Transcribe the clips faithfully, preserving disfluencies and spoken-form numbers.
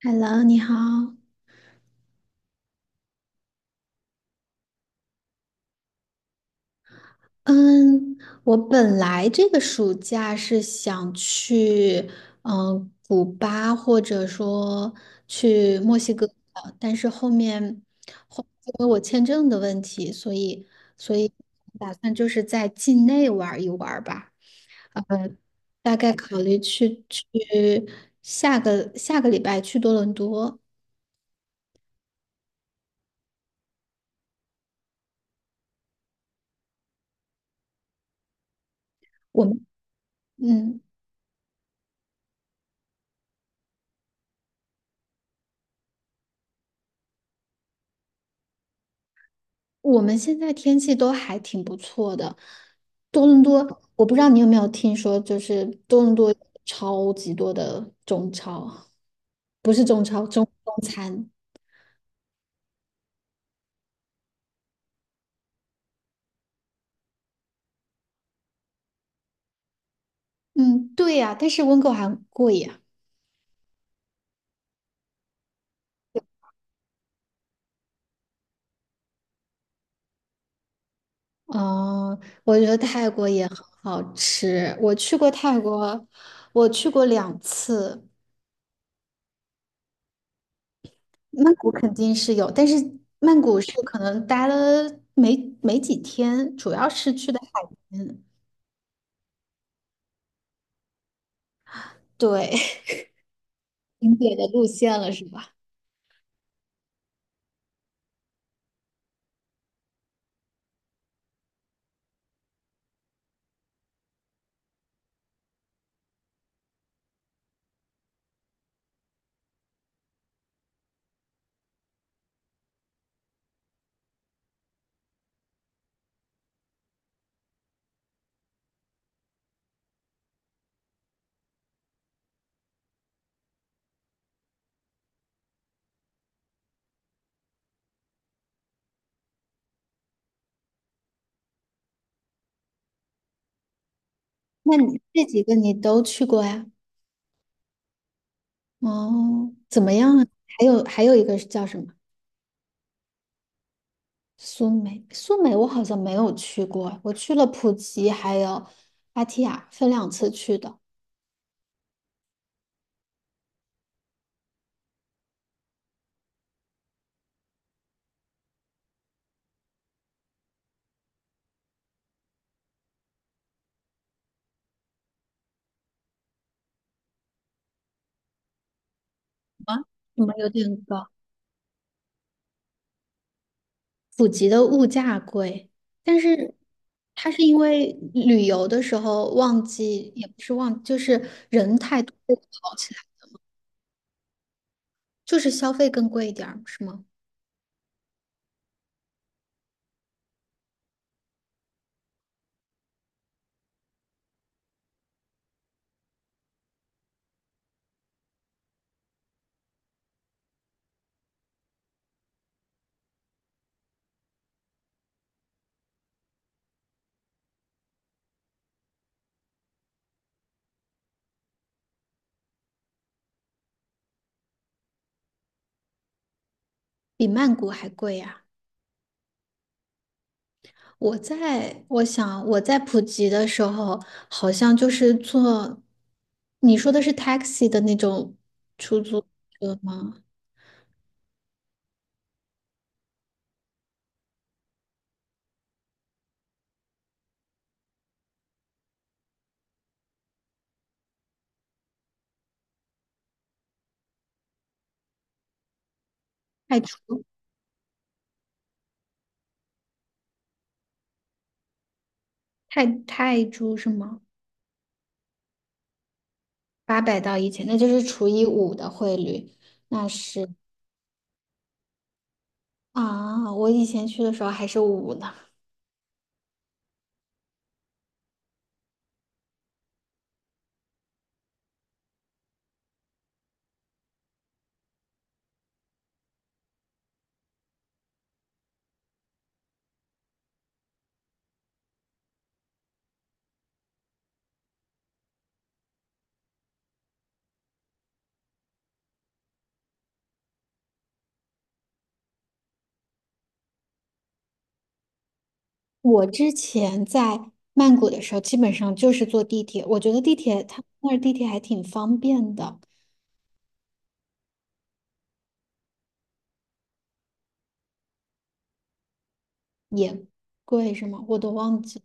Hello，你好。嗯，我本来这个暑假是想去，嗯，古巴或者说去墨西哥的，但是后面后因为我签证的问题，所以所以打算就是在境内玩一玩吧。呃，大概考虑去去下个下个礼拜去多伦多。我们嗯，我们现在天气都还挺不错的。多伦多，我不知道你有没有听说，就是多伦多超级多的中超，不是中超，中中餐。嗯，对呀，但是温哥华很贵呀。哦，我觉得泰国也很好吃。我去过泰国，我去过两次。曼谷肯定是有，但是曼谷是可能待了没没几天，主要是去的海边。对，景点的路线了，是吧？那你这几个你都去过呀？哦，怎么样啊？还有还有一个是叫什么？苏梅，苏梅我好像没有去过，我去了普吉还有芭提雅，分两次去的。啊，怎么有点高。普吉的物价贵，但是它是因为旅游的时候旺季，也不是旺，就是人太多会吵起来，就是消费更贵一点儿，是吗？比曼谷还贵呀。我在我想我在普吉的时候，好像就是坐，你说的是 taxi 的那种出租车吗？泰铢泰泰铢是吗？八百到一千，那就是除以五的汇率，那是啊，我以前去的时候还是五呢。我之前在曼谷的时候，基本上就是坐地铁，我觉得地铁它那儿地铁还挺方便的，也贵是吗？我都忘记。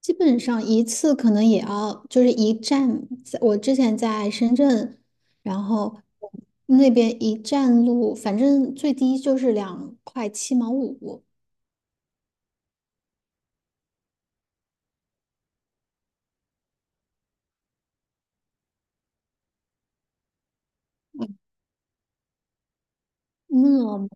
基本上一次可能也要就是一站，在我之前在深圳，然后那边一站路，反正最低就是两块七毛五。那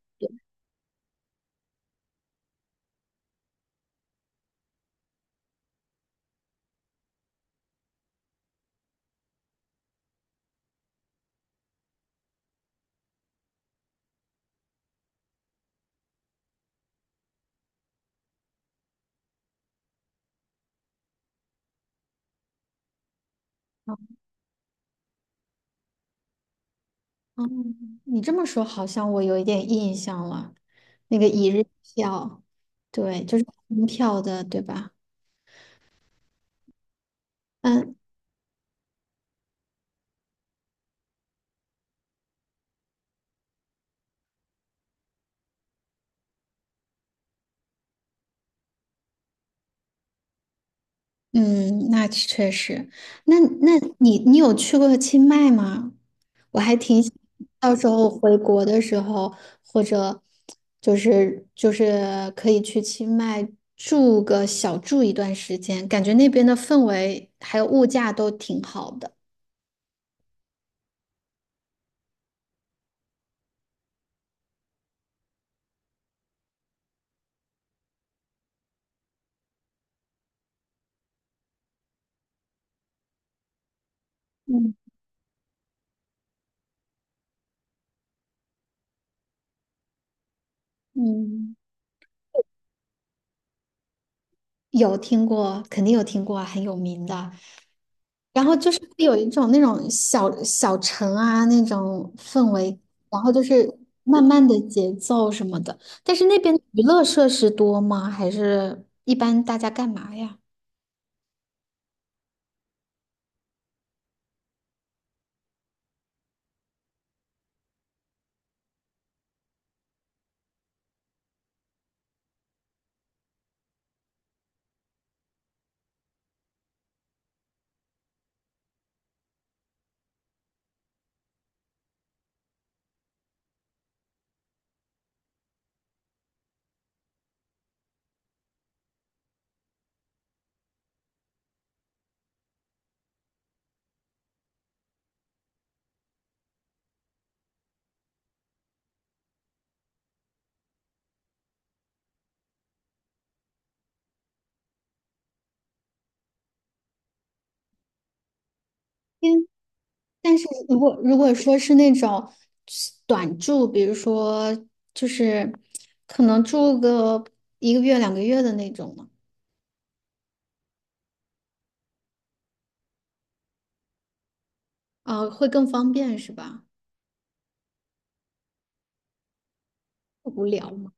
你这么说，好像我有一点印象了。那个一日票，对，就是门票的，对吧？嗯，嗯，那确实。那那你你有去过清迈吗？我还挺想到时候回国的时候，或者就是就是可以去清迈住个小住一段时间，感觉那边的氛围还有物价都挺好的。嗯嗯，有听过，肯定有听过啊很有名的。然后就是会有一种那种小小城啊那种氛围，然后就是慢慢的节奏什么的。但是那边娱乐设施多吗？还是一般大家干嘛呀？嗯，但是如果如果说是那种短住，比如说就是可能住个一个月两个月的那种呢，啊，会更方便是吧？会无聊吗？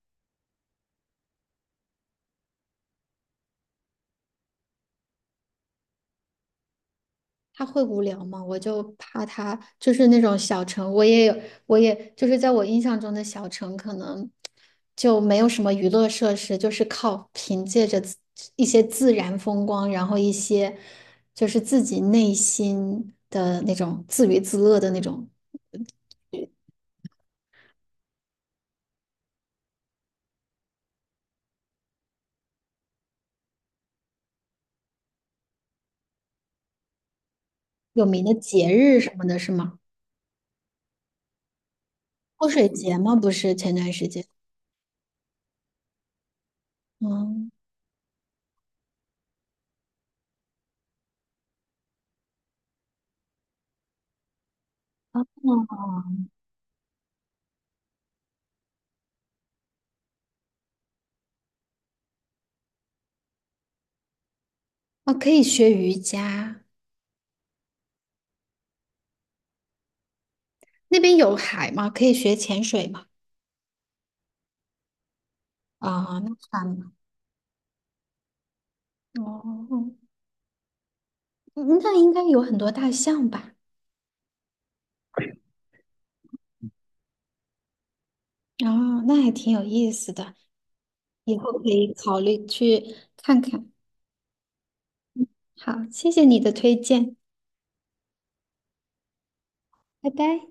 他会无聊吗？我就怕他就是那种小城，我也有，我也就是在我印象中的小城，可能就没有什么娱乐设施，就是靠凭借着自一些自然风光，然后一些就是自己内心的那种自娱自乐的那种有名的节日什么的，是吗？泼水节吗？不是前段时间，嗯，哦，哦，可以学瑜伽，那边有海吗？可以学潜水吗？啊，那算了。哦，嗯那应该有很多大象吧？哦，那还挺有意思的，以后可以考虑去看看。好，谢谢你的推荐，拜拜。